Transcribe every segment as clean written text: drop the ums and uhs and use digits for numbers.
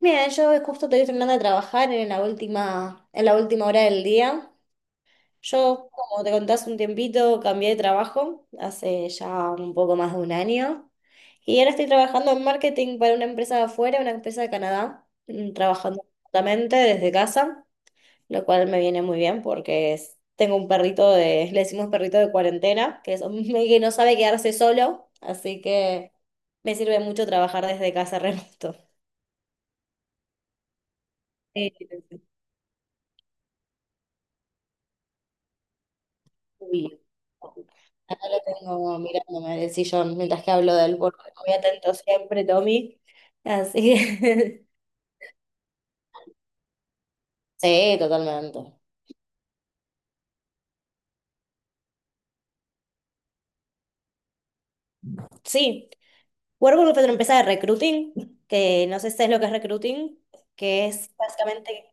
Bien, yo justo estoy terminando de trabajar en la última hora del día. Yo, como te conté hace un tiempito, cambié de trabajo hace ya un poco más de un año. Y ahora estoy trabajando en marketing para una empresa de afuera, una empresa de Canadá, trabajando remotamente desde casa, lo cual me viene muy bien porque tengo un perrito de, le decimos perrito de cuarentena, que no sabe quedarse solo, así que me sirve mucho trabajar desde casa remoto. Sí. Uy, acá lo tengo mirándome del sillón mientras que hablo del porque muy atento siempre, Tommy. Así que- Sí, totalmente. Sí, Workbook pero empresa de recruiting, que no sé si es lo que es recruiting, que es básicamente,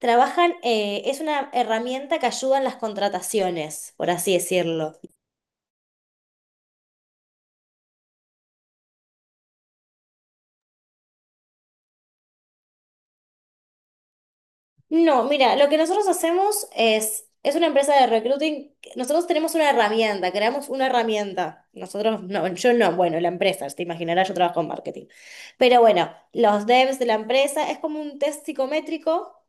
trabajan, es una herramienta que ayuda en las contrataciones, por así decirlo. No, mira, lo que nosotros hacemos es una empresa de recruiting, nosotros tenemos una herramienta, creamos una herramienta. Nosotros, no, yo no, bueno, la empresa, te imaginarás, yo trabajo en marketing. Pero bueno, los devs de la empresa es como un test psicométrico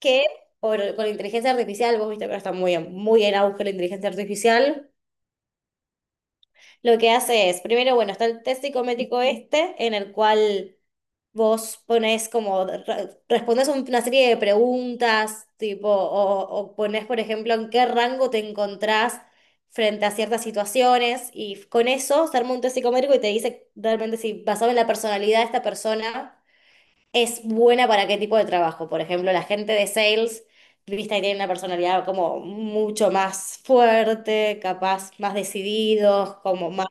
que con inteligencia artificial, vos viste que ahora está muy en auge la inteligencia artificial, lo que hace es, primero, bueno, está el test psicométrico este, en el cual. Vos pones como, respondes una serie de preguntas, tipo, o pones por ejemplo, en qué rango te encontrás frente a ciertas situaciones, y con eso se arma un test psicométrico y te dice realmente si, basado en la personalidad de esta persona, es buena para qué tipo de trabajo. Por ejemplo, la gente de sales, viste, que tiene una personalidad como mucho más fuerte, capaz, más decididos, como más.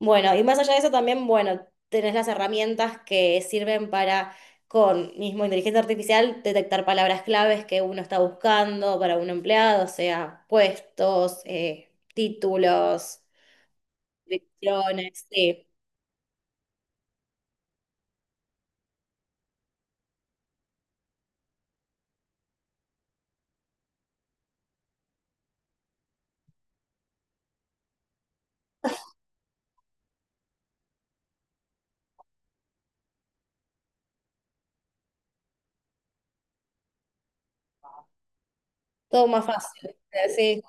Bueno, y más allá de eso también, bueno, tenés las herramientas que sirven para, con mismo inteligencia artificial, detectar palabras claves que uno está buscando para un empleado, o sea, puestos, títulos, direcciones, sí, todo más fácil. Sí.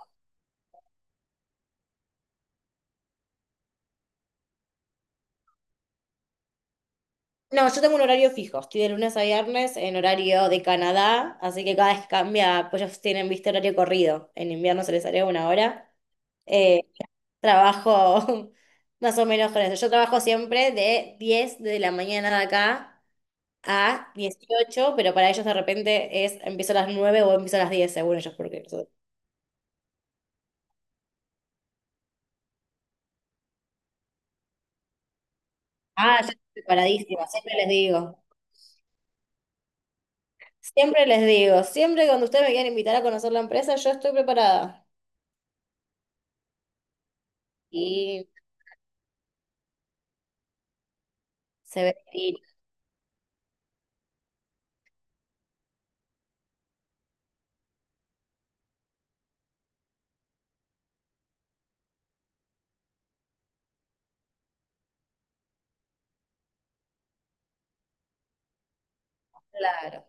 No, yo tengo un horario fijo, estoy de lunes a viernes en horario de Canadá, así que cada vez cambia, pues ellos tienen, viste, horario corrido, en invierno se les haría una hora. eh, Trabajo más o menos con eso. Yo trabajo siempre de 10 de la mañana de acá a 18, pero para ellos de repente es empiezo a las 9 o empiezo a las 10 según ellos. Ah, yo estoy preparadísima, siempre les digo. Siempre les digo, siempre cuando ustedes me quieran invitar a conocer la empresa, yo estoy preparada. Y se ve, y claro,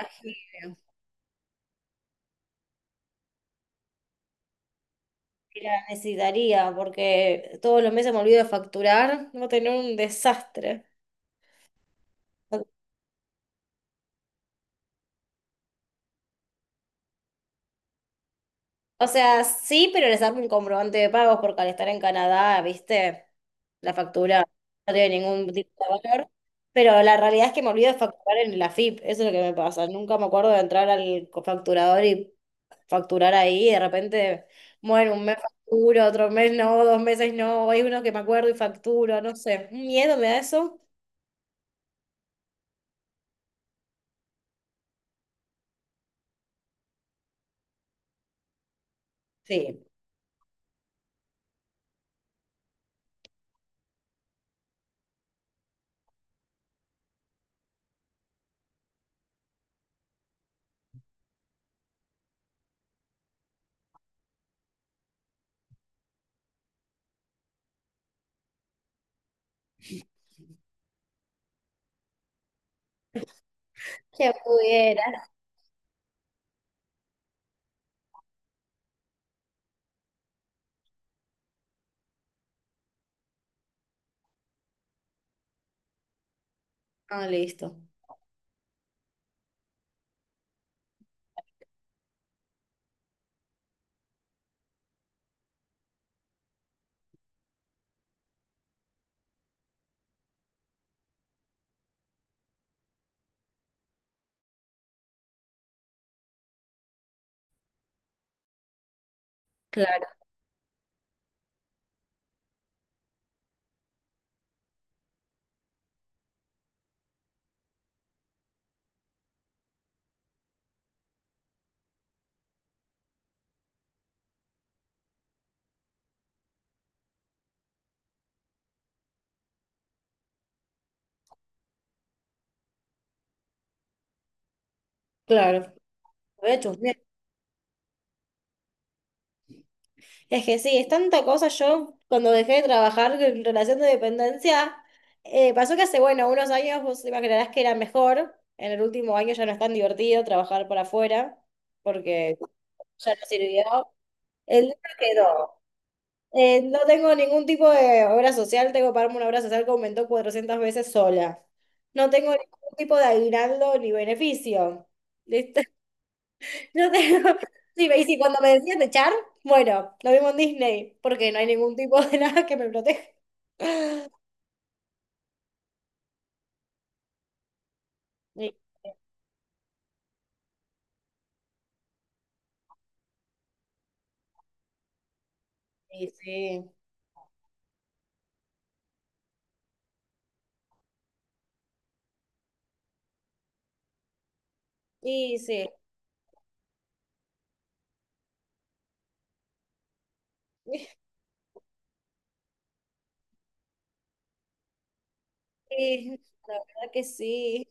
imagino que la necesitaría, porque todos los meses me olvido de facturar, no tener un desastre. O sea, sí, pero les hago un comprobante de pagos porque al estar en Canadá, viste, la factura no tiene ningún tipo de valor. Pero la realidad es que me olvido de facturar en la FIP, eso es lo que me pasa. Nunca me acuerdo de entrar al facturador y facturar ahí. Y de repente, bueno, un mes facturo, otro mes no, dos meses no. Hay uno que me acuerdo y facturo, no sé. ¿Un miedo me da eso? Sí. Que pudiera. Ah, listo. Claro, claro. Voy a chusmear. Es que sí, es tanta cosa. Yo, cuando dejé de trabajar en relación de dependencia, pasó que hace, bueno, unos años vos te imaginarás que era mejor. En el último año ya no es tan divertido trabajar por afuera, porque ya no sirvió. El libro quedó. No tengo ningún tipo de obra social, tengo que pagarme una obra social que aumentó 400 veces sola. No tengo ningún tipo de aguinaldo ni beneficio no tengo- Sí, y si cuando me decían de Char, bueno, lo vimos en Disney, porque no hay ningún tipo de nada que me proteja. Y, y sí, y sí, y sí, la verdad que sí.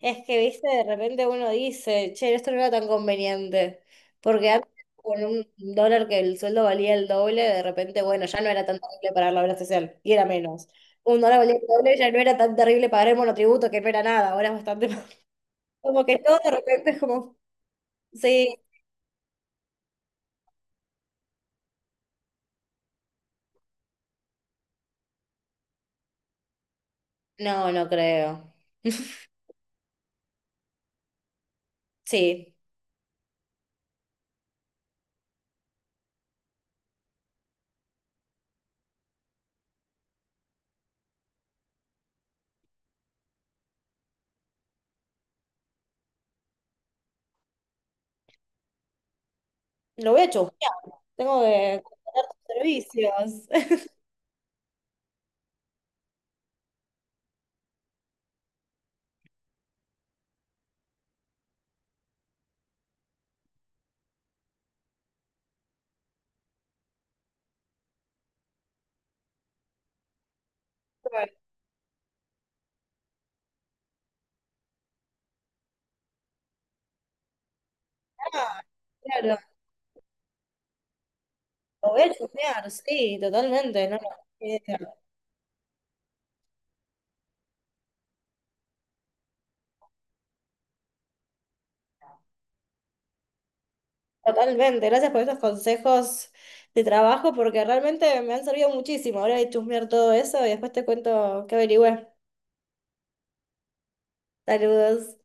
Es que, viste, de repente uno dice, che, esto no era tan conveniente, porque antes con un dólar que el sueldo valía el doble, de repente, bueno, ya no era tan terrible pagar la obra social, y era menos. Un dólar valía el doble, ya no era tan terrible pagar el monotributo, que no era nada, ahora es bastante más. Como que todo de repente es como. Sí, no, no creo. Sí, lo voy a chusmear. Tengo que contratar tus servicios. Ah, claro, lo voy a chusmear, sí, totalmente. No, no, totalmente. Gracias por estos consejos de trabajo porque realmente me han servido muchísimo. Ahora voy a chusmear todo eso y después te cuento qué averigüé. Saludos.